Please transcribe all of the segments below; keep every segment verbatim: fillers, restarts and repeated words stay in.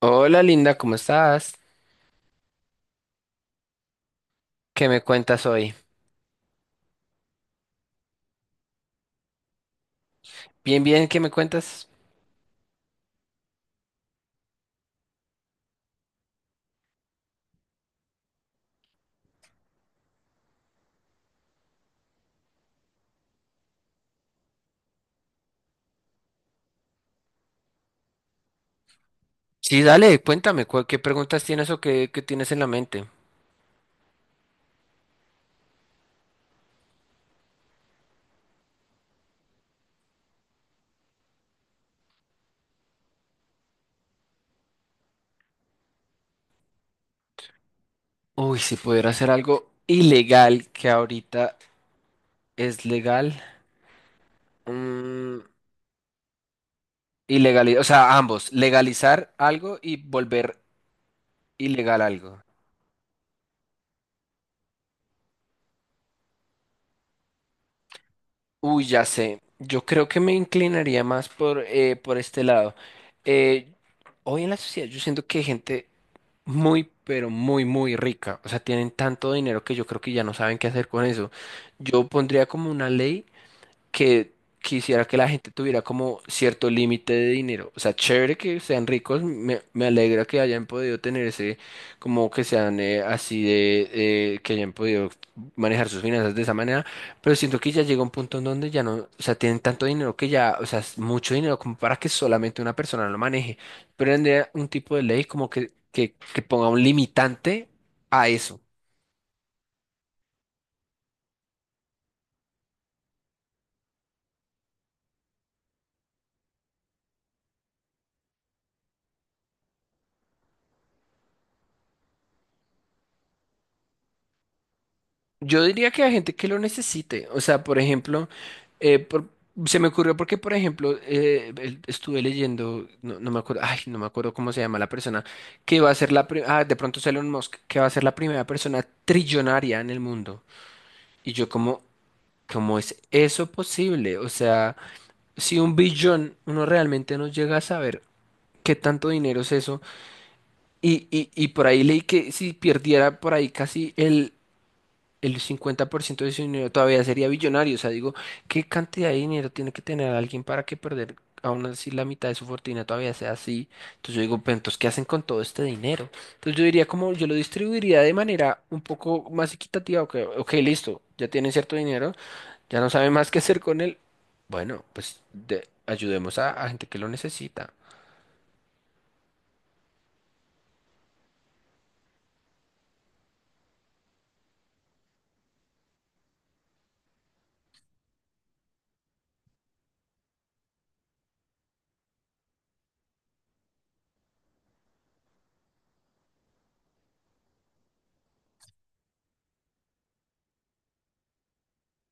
Hola linda, ¿cómo estás? ¿Qué me cuentas hoy? Bien, bien, ¿qué me cuentas? Sí, dale, cuéntame, cu- ¿qué preguntas tienes o qué, qué tienes en la mente? Uy, si pudiera hacer algo ilegal que ahorita es legal. Mm, ilegali- o sea, ambos, legalizar algo y volver ilegal algo. Uy, ya sé, yo creo que me inclinaría más por, eh, por este lado. Eh, hoy en la sociedad yo siento que hay gente muy, pero muy, muy rica. O sea, tienen tanto dinero que yo creo que ya no saben qué hacer con eso. Yo pondría como una ley que quisiera que la gente tuviera como cierto límite de dinero. O sea, chévere que sean ricos, me, me alegra que hayan podido tener ese, como que sean eh, así de, eh, que hayan podido manejar sus finanzas de esa manera, pero siento que ya llega un punto en donde ya no, o sea, tienen tanto dinero que ya, o sea, es mucho dinero como para que solamente una persona lo maneje. Pero tendría un tipo de ley como que, que, que ponga un limitante a eso. Yo diría que hay gente que lo necesite. O sea, por ejemplo, eh, por- se me ocurrió porque, por ejemplo, eh, el- estuve leyendo, no, no me acuerdo, ay, no me acuerdo cómo se llama la persona, que va a ser la pri- ah, de pronto es Elon Musk, que va a ser la primera persona trillonaria en el mundo. Y yo como, ¿cómo es eso posible? O sea, si un billón uno realmente no llega a saber qué tanto dinero es eso, y, y, y por ahí leí que si perdiera por ahí casi el el cincuenta por ciento de su dinero todavía sería billonario. O sea, digo, ¿qué cantidad de dinero tiene que tener alguien para que perder aún así la mitad de su fortuna todavía sea así? Entonces yo digo, pero entonces, ¿qué hacen con todo este dinero? Entonces yo diría como yo lo distribuiría de manera un poco más equitativa. Ok, ok, listo, ya tienen cierto dinero, ya no saben más qué hacer con él. Bueno, pues de- ayudemos a, a gente que lo necesita.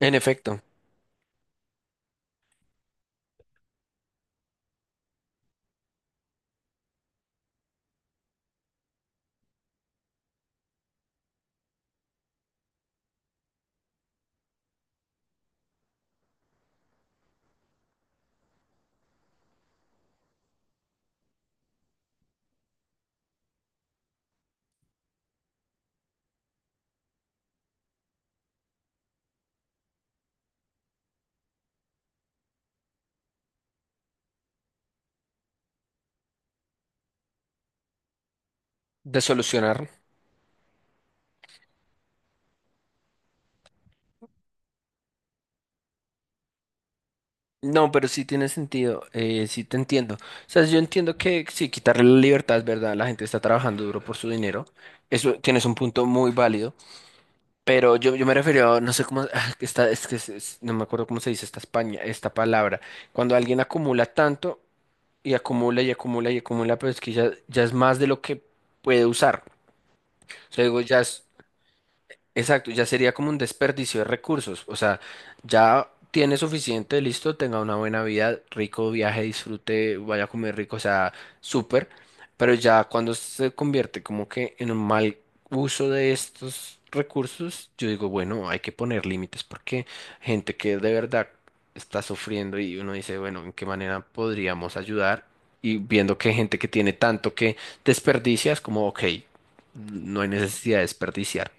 En efecto, de solucionar. No, pero sí tiene sentido, eh, sí te entiendo. O sea, yo entiendo que sí, quitarle la libertad es verdad, la gente está trabajando duro por su dinero, eso tienes un punto muy válido, pero yo, yo me refería, a- no sé cómo, ah, que está, es que es- es- no me acuerdo cómo se dice esta España, esta palabra, cuando alguien acumula tanto y acumula y acumula y acumula, pero es que ya, ya es más de lo que puede usar. O sea, digo, ya es exacto, ya sería como un desperdicio de recursos. O sea, ya tiene suficiente, listo, tenga una buena vida, rico viaje, disfrute, vaya a comer rico, o sea, súper. Pero ya cuando se convierte como que en un mal uso de estos recursos, yo digo, bueno, hay que poner límites porque gente que de verdad está sufriendo y uno dice, bueno, ¿en qué manera podríamos ayudar? Y viendo que hay gente que tiene tanto que desperdicia, es como, ok, no hay necesidad de desperdiciar.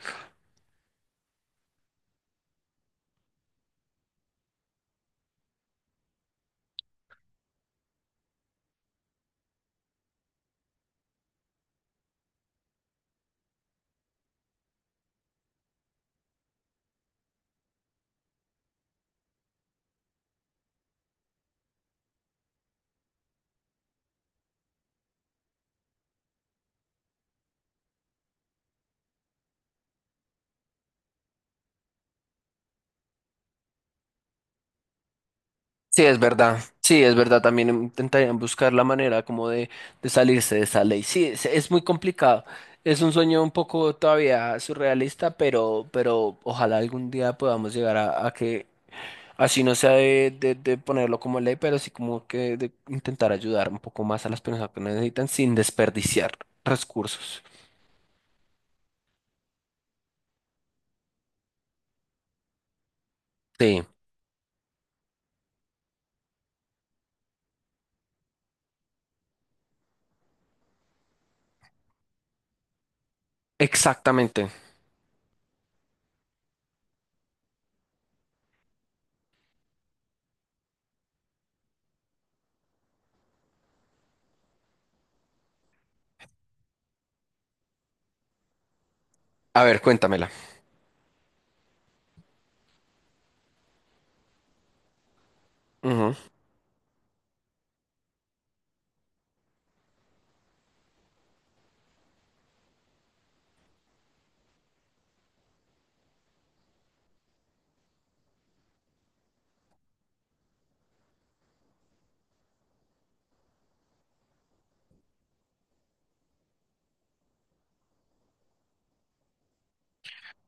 Sí, es verdad. Sí, es verdad. También intentarían buscar la manera como de, de salirse de esa ley. Sí, es, es muy complicado. Es un sueño un poco todavía surrealista, pero, pero ojalá algún día podamos llegar a, a que así no sea de, de- de ponerlo como ley, pero sí como que de intentar ayudar un poco más a las personas que necesitan sin desperdiciar recursos. Sí, exactamente. A ver, cuéntamela.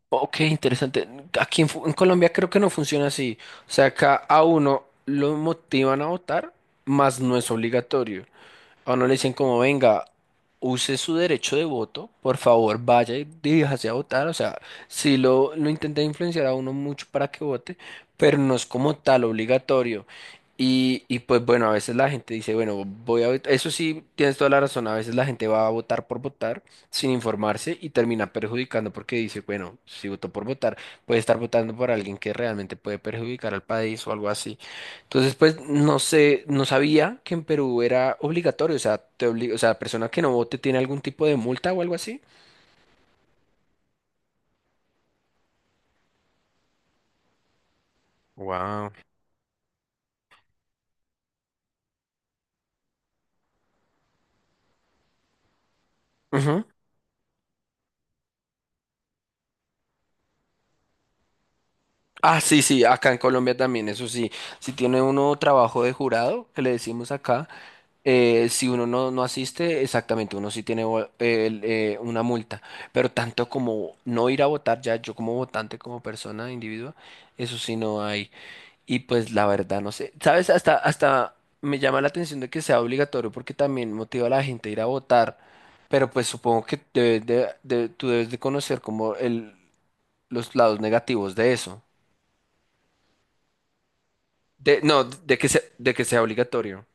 Ok, interesante. Aquí en, Fu- en Colombia creo que no funciona así. O sea, acá a uno lo motivan a votar, más no es obligatorio. A uno le dicen como, venga, use su derecho de voto, por favor, vaya y diríjase a votar. O sea, sí lo, lo intenté influenciar a uno mucho para que vote, pero no es como tal obligatorio. Y, y pues bueno, a veces la gente dice, bueno, voy a votar. Eso sí, tienes toda la razón. A veces la gente va a votar por votar sin informarse y termina perjudicando porque dice, bueno, si votó por votar, puede estar votando por alguien que realmente puede perjudicar al país o algo así. Entonces, pues, no sé, no sabía que en Perú era obligatorio, o sea, te obli- o sea, la persona que no vote tiene algún tipo de multa o algo así. Wow. Ujú. Ah, sí, sí, acá en Colombia también, eso sí. Si tiene uno trabajo de jurado, que le decimos acá, eh, si uno no, no asiste, exactamente, uno sí tiene vo- el, eh, una multa. Pero tanto como no ir a votar ya, yo como votante, como persona, individuo, eso sí no hay. Y pues la verdad, no sé. ¿Sabes? Hasta, hasta me llama la atención de que sea obligatorio porque también motiva a la gente a ir a votar. Pero pues supongo que debes de- de- tú debes de conocer como el, los lados negativos de eso. De, no, de que sea, de que sea obligatorio.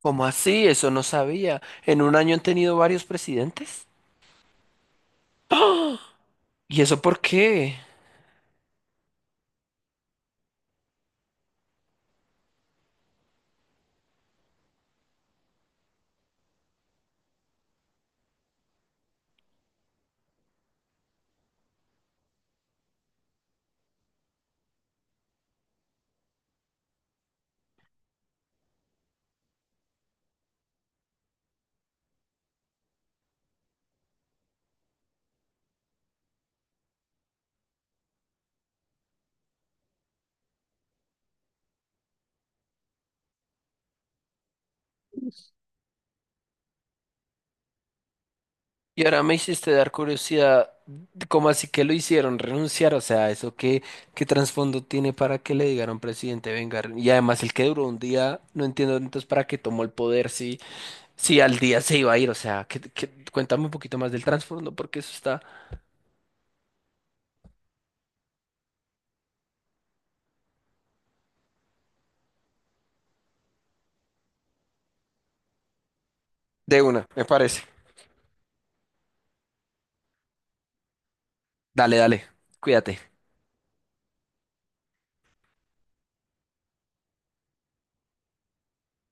¿Cómo así? Eso no sabía. ¿En un año han tenido varios presidentes? ¿Y eso por qué? Y ahora me hiciste dar curiosidad, ¿cómo así que lo hicieron renunciar? O sea, ¿eso qué, qué trasfondo tiene para que le digan a un presidente venga? Re- Y además el que duró un día, no entiendo entonces para qué tomó el poder si, si al día se iba a ir. O sea, que, cuéntame un poquito más del trasfondo porque eso está de una, me parece. Dale, dale, cuídate.